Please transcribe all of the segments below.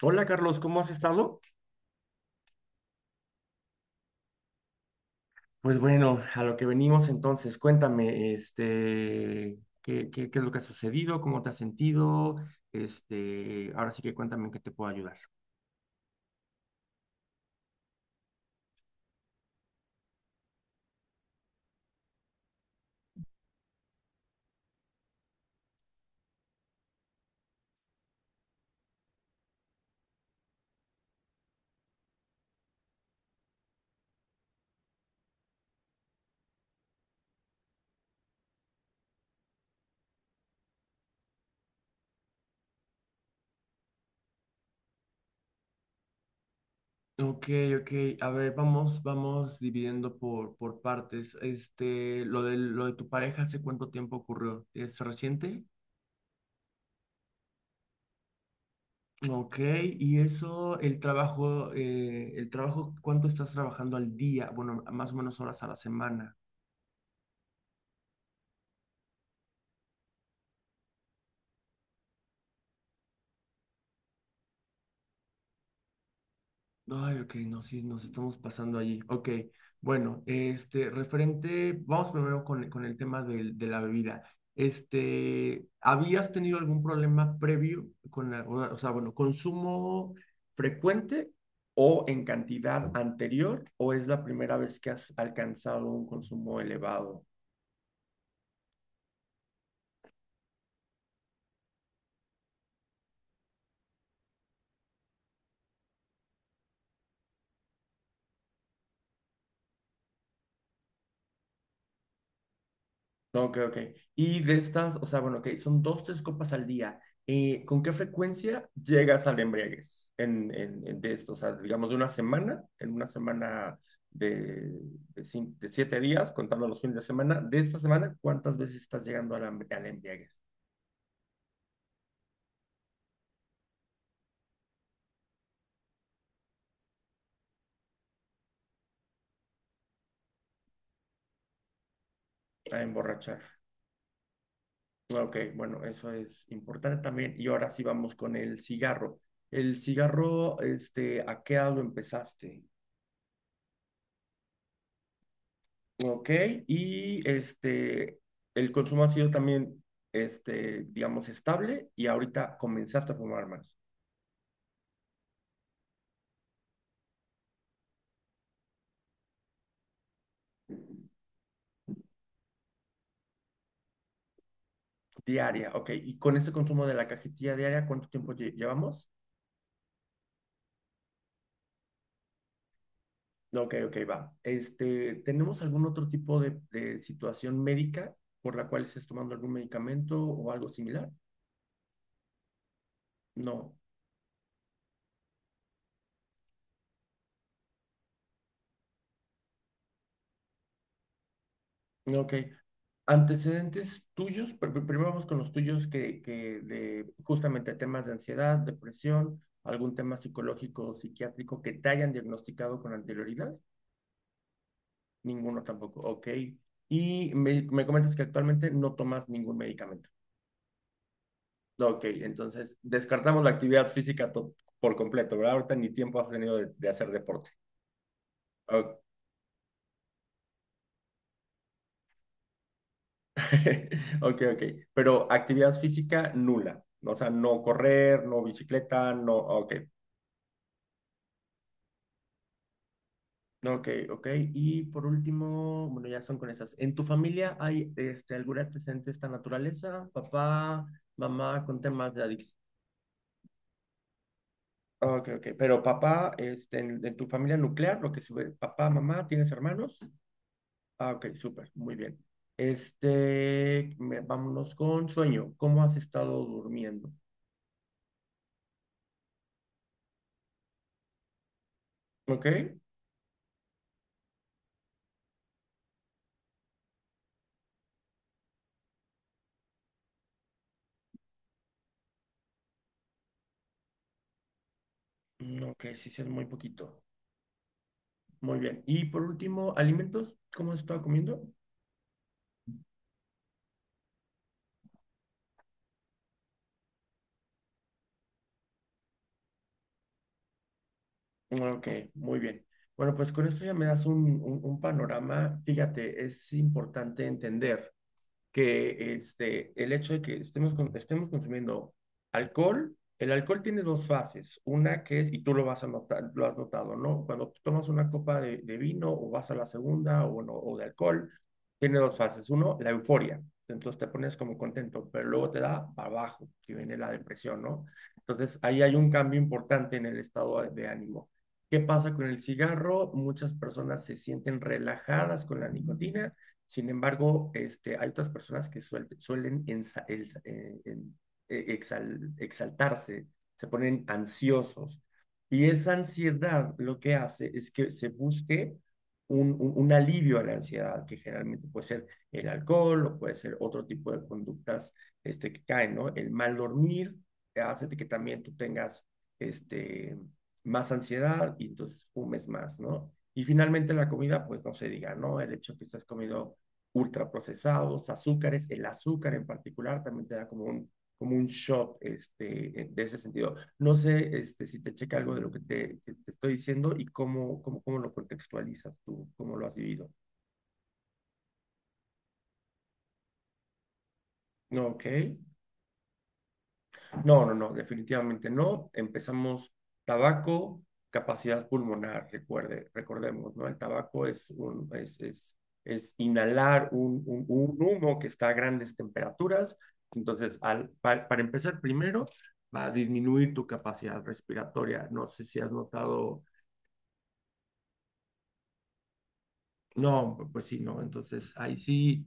Hola Carlos, ¿cómo has estado? Pues bueno, a lo que venimos entonces, cuéntame, ¿qué es lo que ha sucedido? ¿Cómo te has sentido? Ahora sí que cuéntame en qué te puedo ayudar. Ok, ok. A ver, vamos dividiendo por partes. Lo de tu pareja, ¿hace cuánto tiempo ocurrió? ¿Es reciente? Ok, y eso, el trabajo, ¿cuánto estás trabajando al día? Bueno, más o menos horas a la semana. Ay, ok, no, sí, nos estamos pasando allí. Ok, bueno, referente, vamos primero con el tema de la bebida. ¿Habías tenido algún problema previo con la, o bueno, consumo frecuente o en cantidad anterior, o es la primera vez que has alcanzado un consumo elevado? Ok, ok. Y de estas, o sea, bueno, ok, son dos, tres copas al día. ¿Con qué frecuencia llegas al embriaguez en de esto? O sea, digamos de una semana, en una semana de, de siete días, contando los fines de semana, de esta semana, ¿cuántas veces estás llegando al embriaguez, a emborrachar? Ok, bueno, eso es importante también. Y ahora sí vamos con el cigarro. El cigarro, ¿a qué edad lo empezaste? Ok, y el consumo ha sido también, digamos, estable, y ahorita comenzaste a fumar más, diaria, ok, y con ese consumo de la cajetilla diaria, ¿cuánto tiempo llevamos? Ok, ok, va. ¿Tenemos algún otro tipo de situación médica por la cual estés tomando algún medicamento o algo similar? No. Ok. Antecedentes tuyos, primero vamos con los tuyos que de justamente temas de ansiedad, depresión, algún tema psicológico o psiquiátrico que te hayan diagnosticado con anterioridad, ninguno tampoco, ok. Y me comentas que actualmente no tomas ningún medicamento. Ok, entonces descartamos la actividad física por completo, ¿verdad? Ahorita ni tiempo has tenido de hacer deporte. Ok, ok, ok. Pero actividad física nula, o sea, no correr, no bicicleta, no, ok. Ok, ok. Y por último, bueno, ya son con esas. ¿En tu familia hay algún antecedente de esta naturaleza? Papá, mamá con temas de adicción. Ok, ok. Pero papá, en tu familia nuclear, lo que sube, papá, mamá, ¿tienes hermanos? Ah, ok, súper, muy bien. Vámonos con sueño. ¿Cómo has estado durmiendo? Ok, mm, ok, sí, sí, es muy poquito. Muy bien. Y por último, alimentos, ¿cómo has estado comiendo? Ok, muy bien. Bueno, pues con esto ya me das un panorama. Fíjate, es importante entender que el hecho de que estemos, estemos consumiendo alcohol. El alcohol tiene dos fases. Una que es, y tú lo vas a notar, lo has notado, ¿no? Cuando tú tomas una copa de vino o vas a la segunda o, no, o de alcohol, tiene dos fases. Uno, la euforia. Entonces te pones como contento, pero luego te da para abajo, que viene la depresión, ¿no? Entonces ahí hay un cambio importante en el estado de ánimo. ¿Qué pasa con el cigarro? Muchas personas se sienten relajadas con la nicotina. Sin embargo, hay otras personas que suel- suelen ensa- el- en- exal- exaltarse, se ponen ansiosos. Y esa ansiedad lo que hace es que se busque un alivio a la ansiedad, que generalmente puede ser el alcohol o puede ser otro tipo de conductas que caen, ¿no? El mal dormir, hace que también tú tengas este, más ansiedad y entonces fumes más, ¿no? Y finalmente la comida, pues no se diga, ¿no? El hecho que estás comiendo ultraprocesados, azúcares, el azúcar en particular también te da como un shot, de ese sentido. No sé, si te checa algo de lo que te estoy diciendo y cómo lo contextualizas tú, cómo lo has vivido. Ok. No, no, no, definitivamente no. Empezamos tabaco, capacidad pulmonar, recordemos, ¿no? El tabaco es inhalar un humo que está a grandes temperaturas. Entonces, para empezar primero, va a disminuir tu capacidad respiratoria. No sé si has notado. No, pues sí, no. Entonces, ahí sí,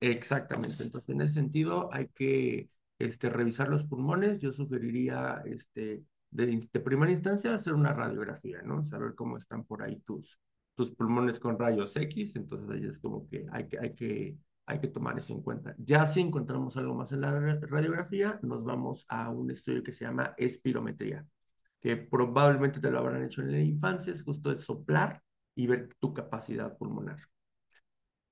exactamente. Entonces, en ese sentido, hay que revisar los pulmones. Yo sugeriría, de primera instancia, hacer una radiografía, ¿no? Saber cómo están por ahí tus pulmones con rayos X. Entonces, ahí es como que hay que tomar eso en cuenta. Ya si encontramos algo más en la radiografía, nos vamos a un estudio que se llama espirometría, que probablemente te lo habrán hecho en la infancia, es justo el soplar y ver tu capacidad pulmonar.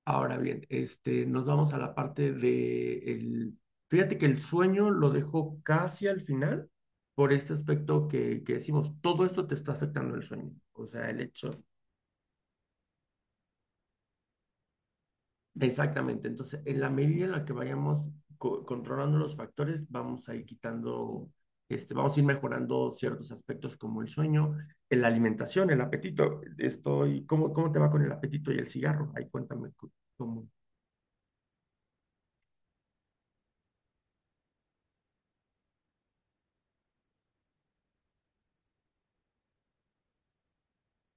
Ahora bien, nos vamos a la parte de el, fíjate que el sueño lo dejó casi al final por este aspecto que decimos, todo esto te está afectando el sueño, o sea, el hecho, exactamente, entonces en la medida en la que vayamos controlando los factores, vamos a ir quitando, vamos a ir mejorando ciertos aspectos como el sueño, en la alimentación, el apetito, estoy, cómo te va con el apetito y el cigarro? Ahí cuéntame cómo.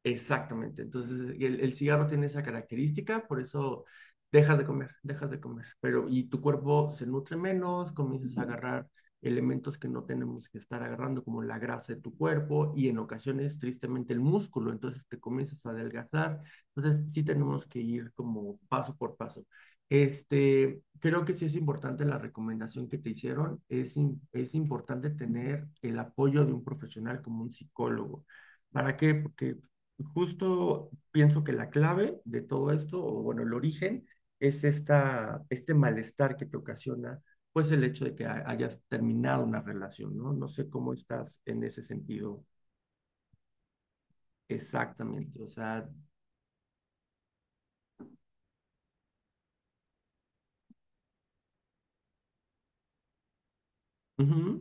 Exactamente. Entonces, el cigarro tiene esa característica, por eso dejas de comer. Pero, y tu cuerpo se nutre menos, comienzas a agarrar elementos que no tenemos que estar agarrando, como la grasa de tu cuerpo y en ocasiones, tristemente, el músculo. Entonces, te comienzas a adelgazar. Entonces, sí tenemos que ir como paso por paso. Creo que sí es importante la recomendación que te hicieron. Es importante tener el apoyo de un profesional como un psicólogo. ¿Para qué? Porque justo pienso que la clave de todo esto, o bueno, el origen, es esta, este malestar que te ocasiona, pues el hecho de que hayas terminado una relación, ¿no? No sé cómo estás en ese sentido exactamente, o sea, ujú,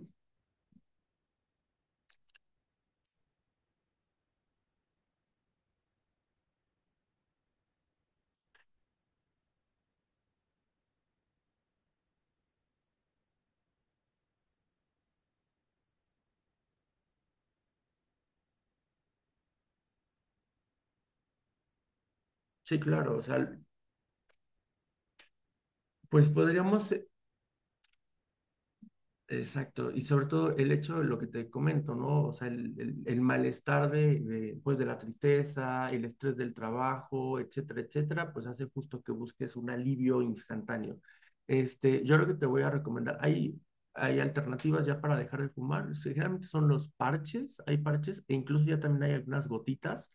sí, claro, o sea, pues podríamos. Exacto, y sobre todo el hecho de lo que te comento, ¿no? O sea, el malestar pues, de la tristeza, el estrés del trabajo, etcétera, etcétera, pues hace justo que busques un alivio instantáneo. Yo lo que te voy a recomendar, hay alternativas ya para dejar de fumar, sí, generalmente son los parches, hay parches, e incluso ya también hay algunas gotitas,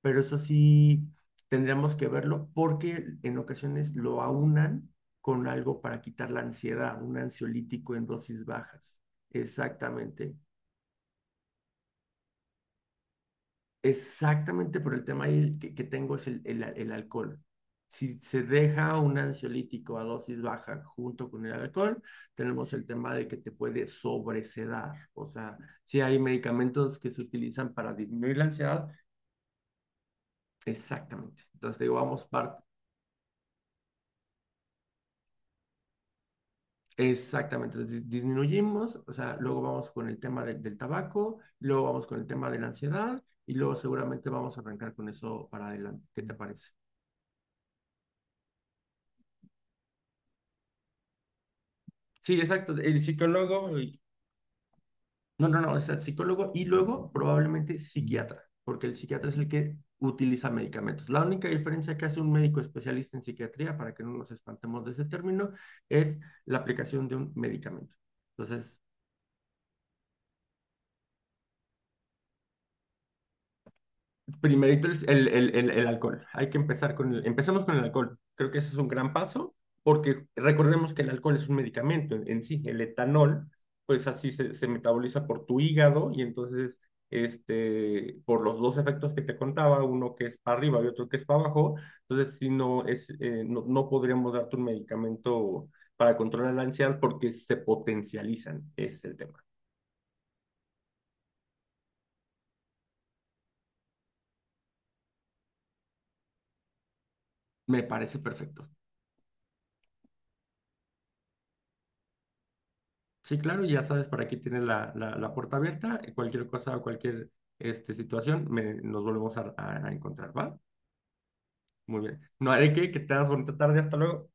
pero eso sí tendríamos que verlo porque en ocasiones lo aunan con algo para quitar la ansiedad, un ansiolítico en dosis bajas. Exactamente. Exactamente por el tema ahí que tengo es el alcohol. Si se deja un ansiolítico a dosis baja junto con el alcohol, tenemos el tema de que te puede sobresedar. O sea, si hay medicamentos que se utilizan para disminuir la ansiedad, exactamente. Entonces, digo, vamos par. Exactamente, disminuimos, o sea, luego vamos con el tema del tabaco, luego vamos con el tema de la ansiedad y luego seguramente vamos a arrancar con eso para adelante. ¿Qué te parece? Sí, exacto, el psicólogo, y no, no, no, o sea, psicólogo y luego probablemente psiquiatra, porque el psiquiatra es el que utiliza medicamentos. La única diferencia que hace un médico especialista en psiquiatría, para que no nos espantemos de ese término, es la aplicación de un medicamento. Entonces, primerito el alcohol. Hay que empezar con el, empecemos con el alcohol. Creo que ese es un gran paso porque recordemos que el alcohol es un medicamento en sí. El etanol, pues así se metaboliza por tu hígado y entonces, por los dos efectos que te contaba, uno que es para arriba y otro que es para abajo, entonces si no es, no, no podríamos darte un medicamento para controlar la ansiedad porque se potencializan. Ese es el tema. Me parece perfecto. Sí, claro, ya sabes, para aquí tienes la, la puerta abierta. Y cualquier cosa o cualquier situación, nos volvemos a encontrar, ¿va? Muy bien. No haré que tengas bonita tarde. Hasta luego.